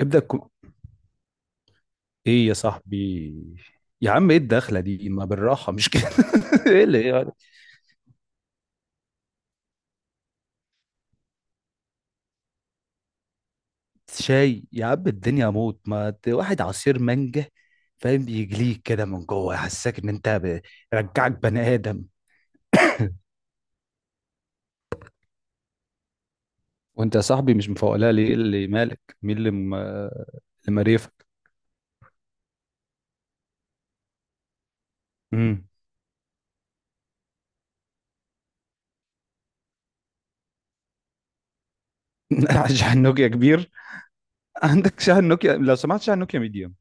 ابدأ كو... ايه يا صاحبي. يا عم ايه الدخلة دي؟ ما بالراحة مش كده. ايه اللي يعني؟ شاي يا عم الدنيا موت، ما ت- واحد عصير مانجا، فاهم، بيجليك كده من جوه يحسسك ان انت. رجعك بني ادم. وانت يا صاحبي مش مفوقلها ليه؟ إيه اللي مالك؟ اللي مريفك؟ امم شاحن نوكيا كبير؟ عندك شاحن نوكيا لو سمحت، شاحن نوكيا ميديوم.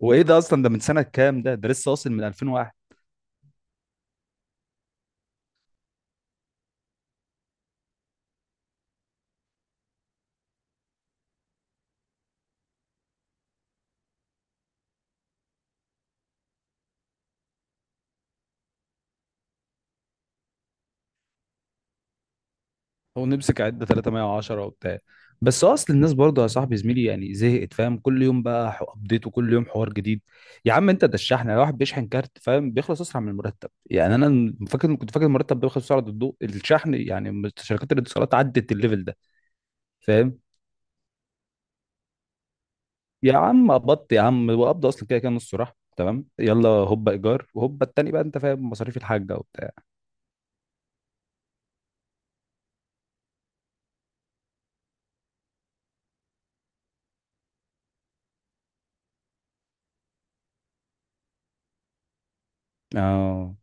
وايه ده اصلا؟ ده من سنة كام؟ ده ده لسه واصل من 2001. هو نمسك عدة 310 وبتاع؟ بس اصل الناس برضه يا صاحبي زميلي يعني زهقت، فاهم، كل يوم بقى ابديت وكل يوم حوار جديد. يا عم انت ده الشحن، لو واحد بيشحن كارت فاهم بيخلص اسرع من المرتب، يعني انا فاكر، كنت فاكر المرتب بيخلص بسرعه الضوء، الشحن يعني شركات الاتصالات عدت الليفل ده، فاهم. يا عم قبضت يا عم، وقبض اصلا كده كده نص راح، تمام، يلا هوبا ايجار وهوبا التاني بقى انت فاهم، مصاريف الحاجه وبتاع. اه.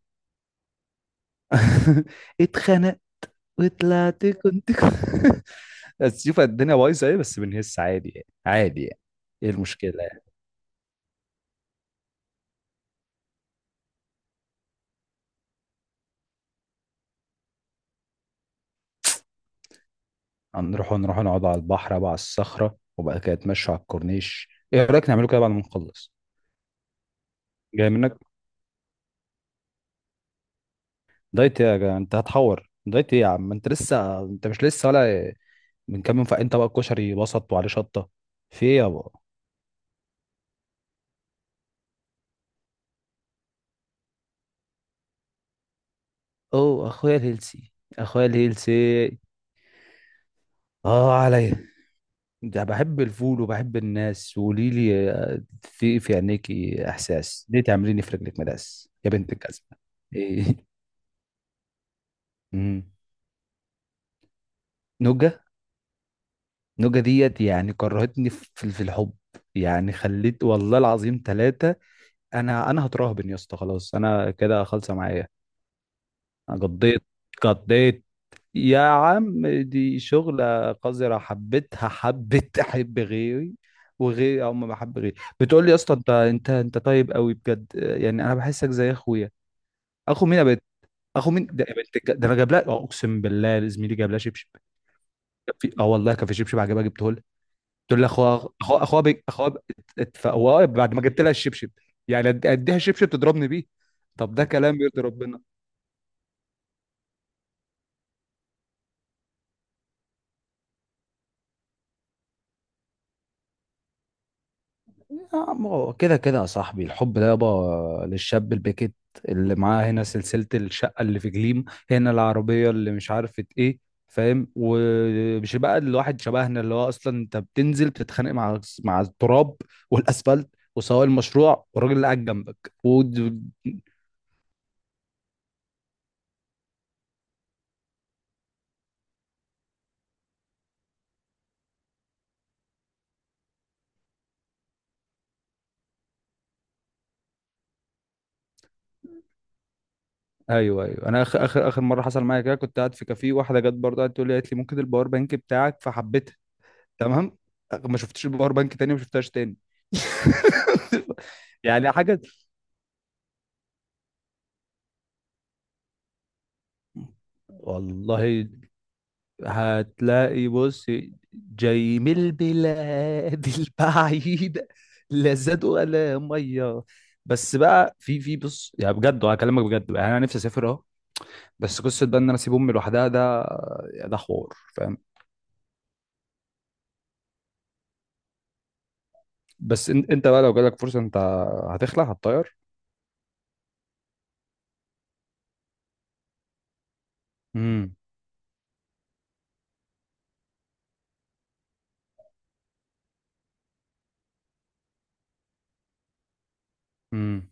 اتخنق وطلعت كنت بس شوف الدنيا بايظه ايه، بس بنهس عادي يعني، عادي يعني. ايه المشكله يعني؟ هنروح، نروح نقعد على البحر بقى على الصخره، وبعد كده نتمشوا على الكورنيش. ايه رايك نعمله كده بعد ما نخلص؟ جاي منك. دايت إيه يا جا؟ انت هتحور دايت ايه يا عم؟ انت لسه، انت مش لسه ولا؟ من كام يوم فاق انت بقى الكشري وسط وعليه شطه، في ايه يابا؟ اوه اخويا الهيلسي، اخويا الهيلسي. اه عليا، ده بحب الفول وبحب الناس. وقولي لي في عينيكي احساس، ليه تعمليني في رجلك مداس يا بنت الجزمه؟ ايه؟ مم. نوجه، نوجه ديت، يعني كرهتني في الحب. يعني خليت والله العظيم ثلاثة، انا هتراهبن يا اسطى، خلاص انا كده خالصه معايا. أنا قضيت، قضيت. يا عم دي شغلة قذرة، حبيتها، حبيت أحب غيري، وغيري أو ما بحب غيري بتقول لي يا اسطى أنت أنت طيب قوي بجد، يعني أنا بحسك زي أخويا. أخو مين يا بنت؟ أخو مين ده يا بنت ده؟ أنا جايب لها أقسم بالله زميلي جايب لها شبشب. أه والله كان في شبشب عجبها جبته لها، تقول لي أخوها أخوها أخوها أخوها هو بعد ما جبت لها الشبشب، يعني أديها الشبشب تضربني بيه. طب ده كلام يرضي ربنا؟ ما هو كده كده يا صاحبي، الحب ده يابا للشاب الباكت، اللي معاه هنا سلسلة الشقة اللي في جليم، هنا العربية اللي مش عارفة ايه، فاهم. ومش بقى الواحد شبهنا، اللي هو اصلا انت بتنزل بتتخانق مع التراب والاسفلت وسواق المشروع والراجل اللي قاعد جنبك ايوه ايوه. انا اخر مره حصل معايا كده كنت قاعد في كافيه، واحده جت برضه قعدت تقول لي، قالت لي ممكن الباور بانك بتاعك؟ فحبيتها، تمام، ما شفتش الباور بانك تاني، ما شفتهاش تاني. يعني حاجة. والله هتلاقي، بص، جاي من البلاد البعيدة، لا زاد ولا مية. بس بقى، في بص يعني، بجد وهكلمك بجد بقى، يعني انا نفسي اسافر اهو، بس قصة بقى ان انا اسيب امي لوحدها، ده ده حوار، فاهم. بس انت بقى لو جالك فرصة، انت هتخلع، هتطير. امم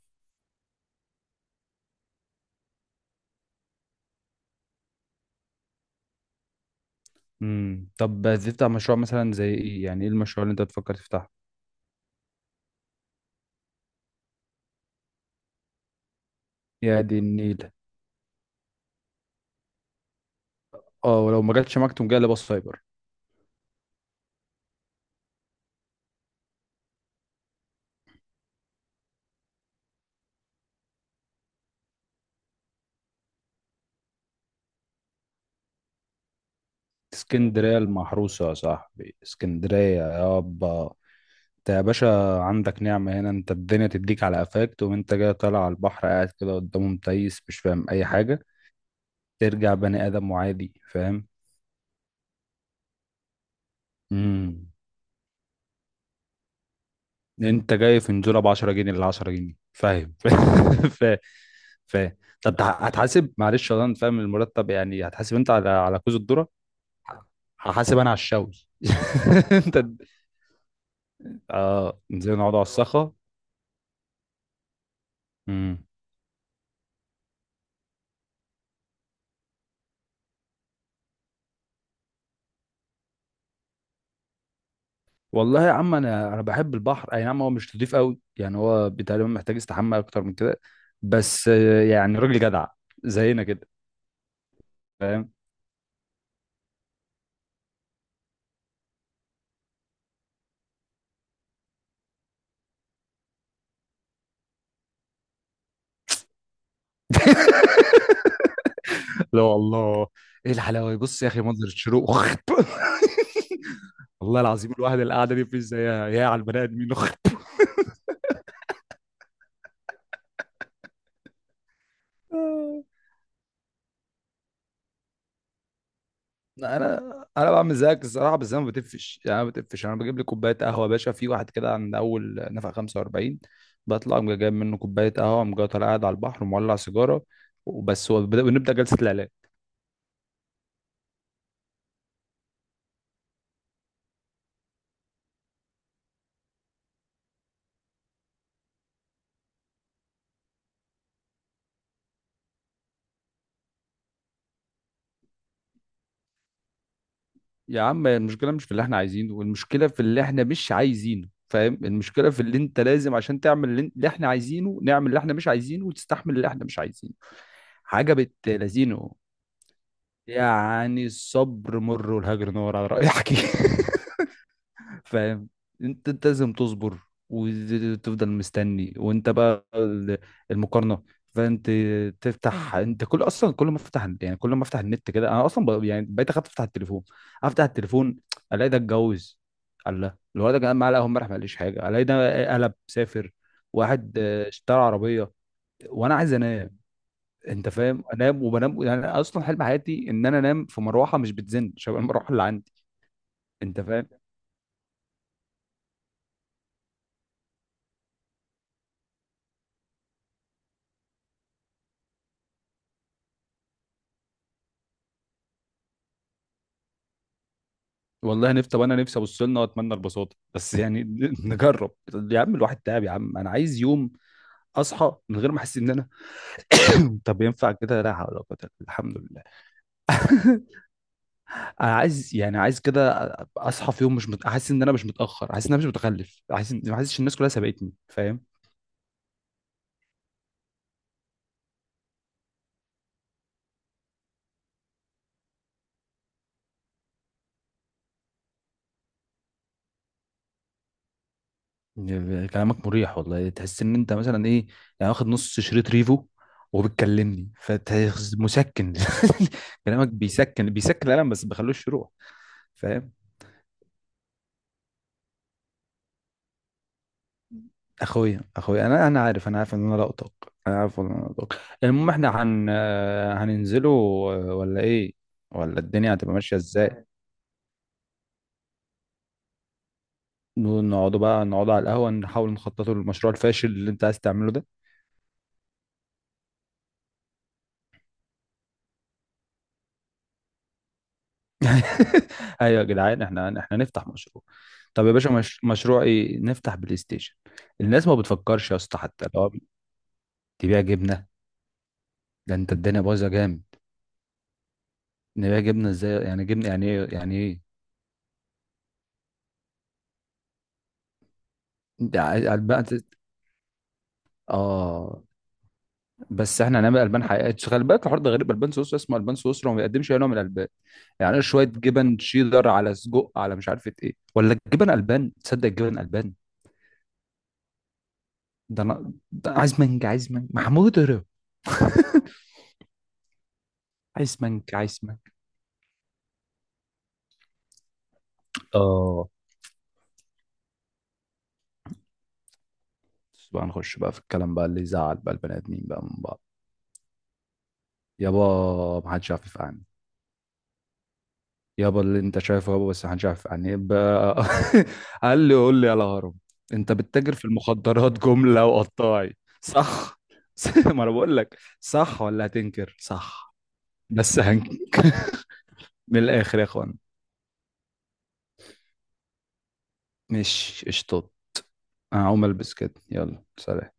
طب هتفتح مشروع مثلا زي ايه؟ يعني ايه المشروع اللي انت بتفكر تفتحه؟ يا دي النيلة. اه، ولو ما جاتش معاك تقوم جاي لابس سايبر. اسكندرية المحروسة يا صاحبي، اسكندرية يابا. انت يا باشا عندك نعمة هنا، انت الدنيا تديك على قفاك تقوم انت جاي طالع على البحر، قاعد كده قدامه متيس مش فاهم اي حاجة، ترجع بني ادم وعادي فاهم. امم انت جاي في نزوله ب 10 جنيه ل 10 جنيه، فاهم؟ فاهم فاهم. طب هتحاسب؟ معلش والله انا فاهم المرتب يعني. هتحاسب انت على كوز الذره؟ هحاسب انا على الشوي. انت. اه نزلنا نقعد على الصخه. امم والله يا عم انا بحب البحر، اي نعم هو مش نضيف قوي يعني، هو تقريبا محتاج استحمى اكتر من كده. بس يعني راجل جدع زينا كده، فاهم. لا والله. ايه الحلاوه؟ بص يا اخي منظر الشروق. والله العظيم الواحد القعده دي مفيش زيها يا على البني ادمين. اخت. آه، انا انا بعمل زيك الصراحه، بس انا ما بتفش يعني، انا ما بتفش، انا بجيب لي كوبايه قهوه يا باشا في واحد كده عند اول نفق 45، بطلع أقوم جايب منه كوبايه قهوه، أقوم جاي طالع قاعد على البحر ومولع سيجاره، وبس هو ونبدا جلسه العلاج. يا عم المشكله مش في اللي احنا عايزينه، والمشكله في اللي احنا مش عايزينه، فاهم. المشكله في اللي انت لازم عشان تعمل اللي اللي احنا عايزينه، نعمل اللي احنا مش عايزينه وتستحمل اللي احنا مش عايزينه. حاجه بت لذينه. يعني الصبر مر والهجر نور على رأي حكي. فاهم. انت، انت لازم تصبر وتفضل مستني، وانت بقى المقارنه، فانت تفتح انت كل، اصلا كل ما افتح يعني، كل ما افتح النت كده انا اصلا يعني بقيت اخاف افتح التليفون، افتح التليفون الاقي ده اتجوز، الله، الولد ده كان معاه قهوه امبارح ما قاليش حاجه، الاقي ده قلب سافر، واحد اشترى عربيه، وانا عايز انام. انت فاهم؟ انام وبنام يعني، انا اصلا حلم حياتي ان انا انام في مروحه مش بتزن شبه المروحه اللي عندي، انت فاهم. والله نفسي. طب انا نفسي ابص لنا واتمنى البساطه، بس يعني نجرب. يا عم الواحد تعب يا عم، انا عايز يوم اصحى من غير ما احس ان انا طب ينفع كده؟ لا حول ولا قوه إلا بالله. الحمد لله. انا عايز يعني، عايز كده اصحى في يوم مش احس ان انا مش متاخر، احس ان انا مش متخلف، احس ان ما احسش الناس كلها سبقتني، فاهم. كلامك مريح والله، تحس ان انت مثلا ايه، يعني واخد نص شريط ريفو وبتكلمني فمسكن. كلامك بيسكن، بيسكن القلم بس بخلوش يروح، فاهم. اخويا اخويا، انا عارف، انا عارف ان انا لقطك، انا عارف ان انا لقطك. المهم احنا هن آه، هننزله ولا ايه؟ ولا الدنيا هتبقى ماشيه ازاي؟ نقعدوا بقى، نقعدوا على القهوه، نحاول نخططوا للمشروع الفاشل اللي انت عايز تعمله ده. ايوه يا جدعان، احنا نفتح مشروع. طب يا باشا مش... مشروع ايه؟ نفتح بلاي ستيشن؟ الناس ما بتفكرش يا اسطى حتى لو. تبيع جبنه؟ ده انت الدنيا بايظه جامد. نبيع جبنه ازاي؟ يعني جبنه يعني ايه يعني ايه؟ ده عايز البان. اه بس احنا هنعمل البان حقيقيه، خلي بالك الحوار ده غريب. البان سويسرا اسمه البان سويسرا وما بيقدمش اي نوع من الالبان، يعني إيه شويه جبن شيدر على سجق على مش عارف ايه؟ ولا الجبن البان تصدق، الجبن البان. ده انا ده عايز مانجا، عايز مانجا محمود. اضرب. عايز منك، عايز منك. اه بس بقى نخش بقى في الكلام بقى اللي يزعل بقى البني ادمين بقى من بعض. يابا ما حدش يعرف يفقعني. يابا اللي انت شايفه يابا بس ما حدش يعرف يفقعني يبقى. قال لي قول لي يا الهرم، انت بتتاجر في المخدرات جمله وقطاعي، صح؟ ما انا بقول لك صح، ولا هتنكر؟ صح بس هنكر. من الاخر يا اخوان، مش قشطات؟ انا هقوم البس كده، يلا سلام.